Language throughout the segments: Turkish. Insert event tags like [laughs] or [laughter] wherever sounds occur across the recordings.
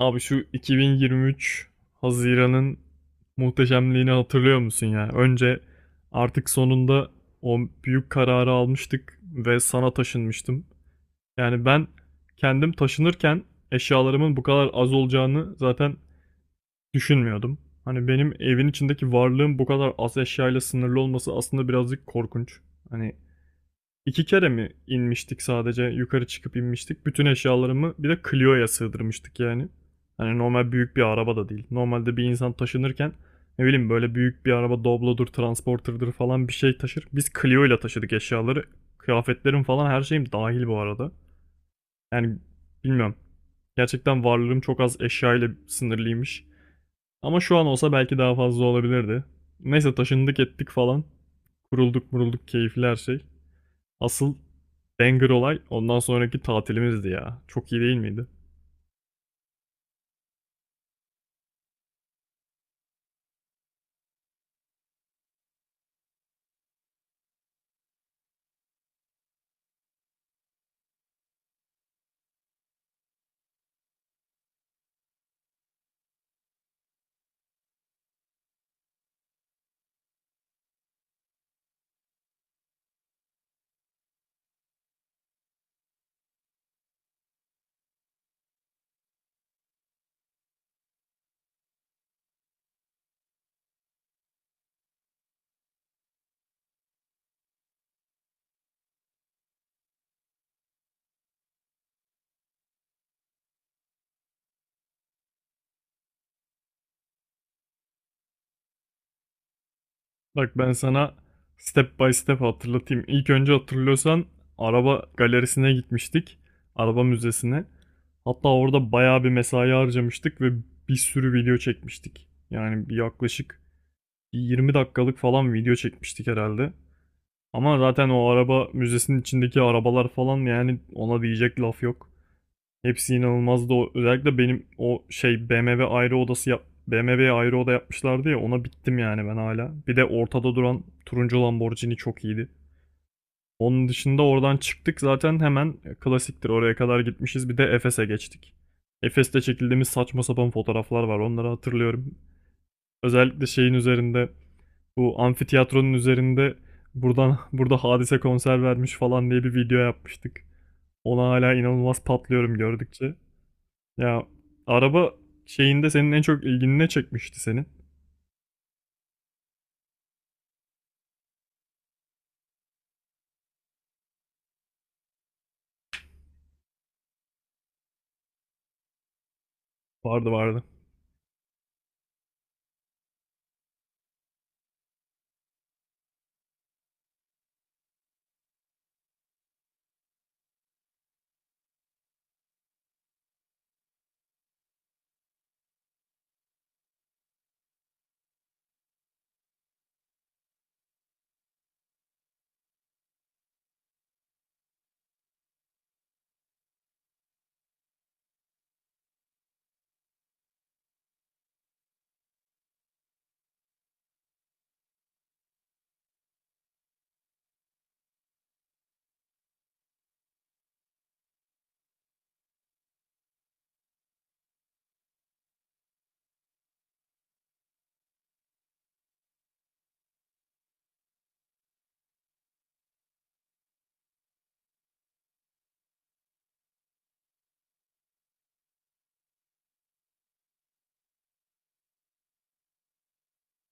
Abi şu 2023 Haziran'ın muhteşemliğini hatırlıyor musun ya? Önce artık sonunda o büyük kararı almıştık ve sana taşınmıştım. Yani ben kendim taşınırken eşyalarımın bu kadar az olacağını zaten düşünmüyordum. Hani benim evin içindeki varlığım bu kadar az eşyayla sınırlı olması aslında birazcık korkunç. Hani İki kere mi inmiştik, sadece yukarı çıkıp inmiştik. Bütün eşyalarımı bir de Clio'ya sığdırmıştık yani. Hani normal büyük bir araba da değil. Normalde bir insan taşınırken ne bileyim böyle büyük bir araba Doblo'dur, Transporter'dır falan bir şey taşır. Biz Clio ile taşıdık eşyaları. Kıyafetlerim falan her şeyim dahil bu arada. Yani bilmiyorum. Gerçekten varlığım çok az eşya ile sınırlıymış. Ama şu an olsa belki daha fazla olabilirdi. Neyse taşındık ettik falan. Kurulduk murulduk, keyifli her şey. Asıl banger olay ondan sonraki tatilimizdi ya. Çok iyi değil miydi? Bak ben sana step by step hatırlatayım. İlk önce hatırlıyorsan araba galerisine gitmiştik. Araba müzesine. Hatta orada bayağı bir mesai harcamıştık ve bir sürü video çekmiştik. Yani bir yaklaşık 20 dakikalık falan video çekmiştik herhalde. Ama zaten o araba müzesinin içindeki arabalar falan, yani ona diyecek laf yok. Hepsi inanılmazdı. O, özellikle benim o şey BMW'ye ayrı oda yapmışlardı ya, ona bittim yani ben hala. Bir de ortada duran turuncu Lamborghini çok iyiydi. Onun dışında oradan çıktık zaten hemen, klasiktir oraya kadar gitmişiz. Bir de Efes'e geçtik. Efes'te çekildiğimiz saçma sapan fotoğraflar var, onları hatırlıyorum. Özellikle şeyin üzerinde, bu amfiteyatronun üzerinde, buradan [laughs] burada Hadise konser vermiş falan diye bir video yapmıştık. Ona hala inanılmaz patlıyorum gördükçe. Ya araba şeyinde senin en çok ilgini ne çekmişti senin? Vardı vardı.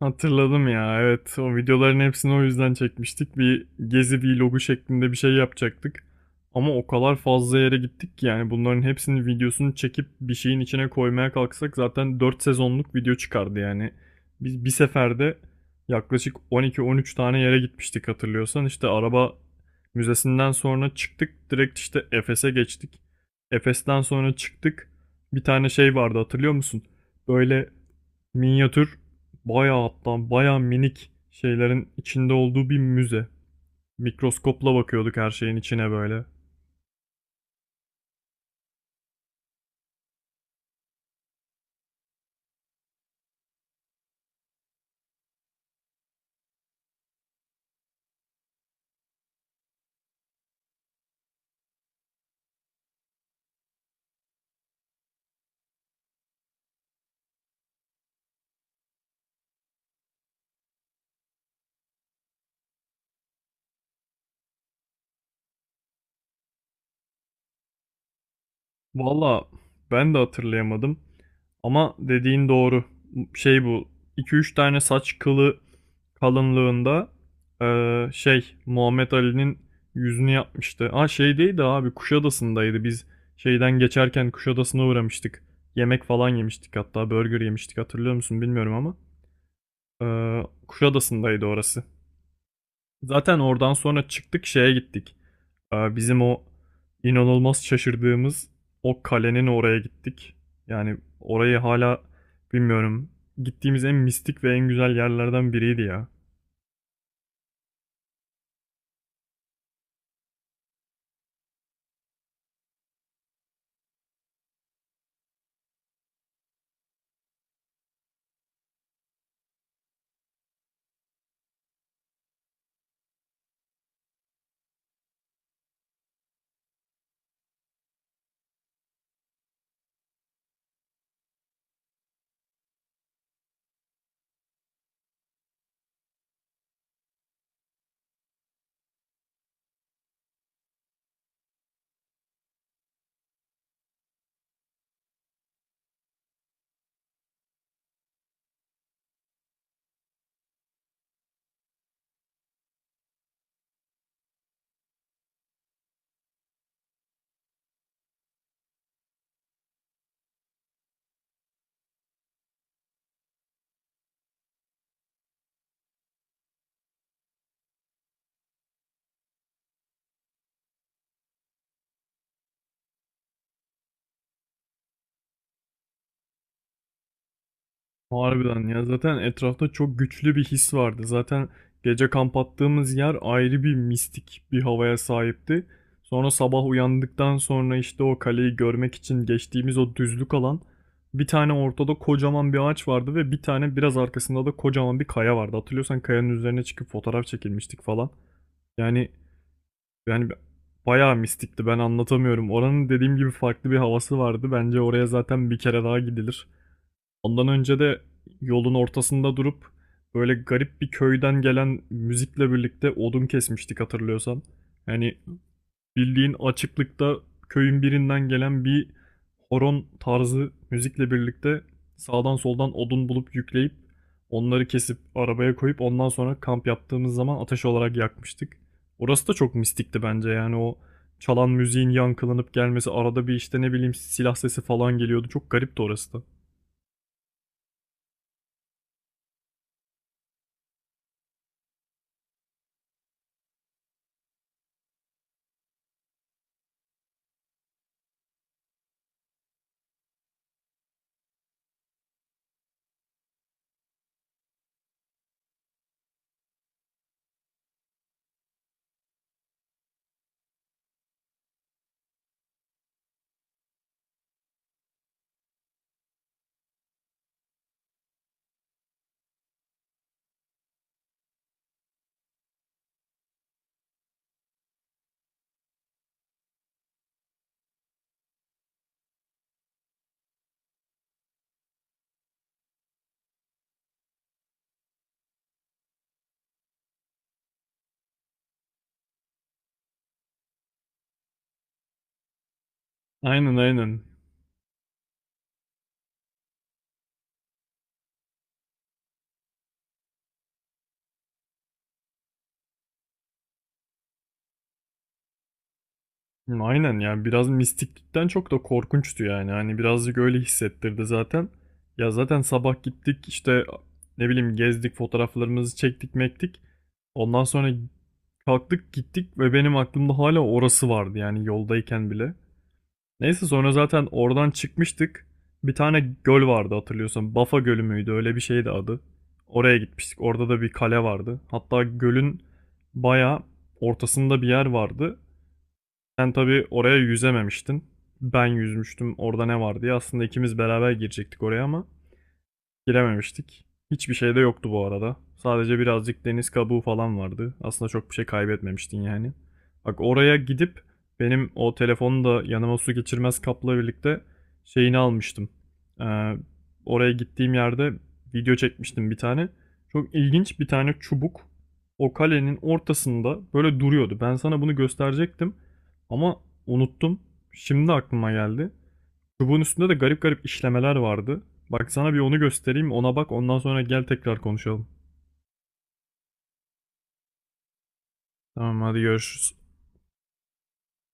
Hatırladım ya, evet, o videoların hepsini o yüzden çekmiştik. Bir gezi vlogu şeklinde bir şey yapacaktık. Ama o kadar fazla yere gittik ki yani bunların hepsinin videosunu çekip bir şeyin içine koymaya kalksak zaten 4 sezonluk video çıkardı yani. Biz bir seferde yaklaşık 12-13 tane yere gitmiştik hatırlıyorsan. İşte araba müzesinden sonra çıktık, direkt işte Efes'e geçtik. Efes'ten sonra çıktık. Bir tane şey vardı hatırlıyor musun? Böyle Minyatür, bayağı hatta bayağı minik şeylerin içinde olduğu bir müze. Mikroskopla bakıyorduk her şeyin içine böyle. Valla ben de hatırlayamadım ama dediğin doğru. Şey bu 2 üç tane saç kılı kalınlığında şey Muhammed Ali'nin yüzünü yapmıştı. Aa, şey değil de abi Kuşadası'ndaydı, biz şeyden geçerken Kuşadası'na uğramıştık. Yemek falan yemiştik, hatta burger yemiştik, hatırlıyor musun bilmiyorum ama. Kuşadası'ndaydı orası. Zaten oradan sonra çıktık, şeye gittik. Bizim o inanılmaz şaşırdığımız o kalenin oraya gittik. Yani orayı hala bilmiyorum. Gittiğimiz en mistik ve en güzel yerlerden biriydi ya. Harbiden ya, zaten etrafta çok güçlü bir his vardı. Zaten gece kamp attığımız yer ayrı bir mistik bir havaya sahipti. Sonra sabah uyandıktan sonra işte o kaleyi görmek için geçtiğimiz o düzlük alan, bir tane ortada kocaman bir ağaç vardı ve bir tane biraz arkasında da kocaman bir kaya vardı. Hatırlıyorsan kayanın üzerine çıkıp fotoğraf çekilmiştik falan. Yani yani bayağı mistikti, ben anlatamıyorum. Oranın dediğim gibi farklı bir havası vardı. Bence oraya zaten bir kere daha gidilir. Ondan önce de yolun ortasında durup böyle garip bir köyden gelen müzikle birlikte odun kesmiştik hatırlıyorsan. Yani bildiğin açıklıkta köyün birinden gelen bir horon tarzı müzikle birlikte sağdan soldan odun bulup yükleyip onları kesip arabaya koyup ondan sonra kamp yaptığımız zaman ateş olarak yakmıştık. Orası da çok mistikti bence, yani o çalan müziğin yankılanıp gelmesi, arada bir işte ne bileyim silah sesi falan geliyordu. Çok garipti orası da. Aynen, aynen. Aynen. Yani biraz mistiklikten çok da korkunçtu yani. Hani birazcık öyle hissettirdi zaten. Ya zaten sabah gittik işte, ne bileyim, gezdik, fotoğraflarımızı çektik mektik. Ondan sonra kalktık gittik ve benim aklımda hala orası vardı yani yoldayken bile. Neyse, sonra zaten oradan çıkmıştık. Bir tane göl vardı hatırlıyorsan. Bafa Gölü müydü, öyle bir şeydi adı. Oraya gitmiştik. Orada da bir kale vardı. Hatta gölün baya ortasında bir yer vardı. Sen tabii oraya yüzememiştin. Ben yüzmüştüm. Orada ne var diye. Aslında ikimiz beraber girecektik oraya ama girememiştik. Hiçbir şey de yoktu bu arada. Sadece birazcık deniz kabuğu falan vardı. Aslında çok bir şey kaybetmemiştin yani. Bak, oraya gidip benim o telefonu da yanıma su geçirmez kapla birlikte şeyini almıştım. Ee, oraya gittiğim yerde video çekmiştim bir tane. Çok ilginç bir tane çubuk o kalenin ortasında böyle duruyordu. Ben sana bunu gösterecektim ama unuttum. Şimdi aklıma geldi. Çubuğun üstünde de garip garip işlemeler vardı. Bak, sana bir onu göstereyim, ona bak, ondan sonra gel tekrar konuşalım. Tamam, hadi görüşürüz.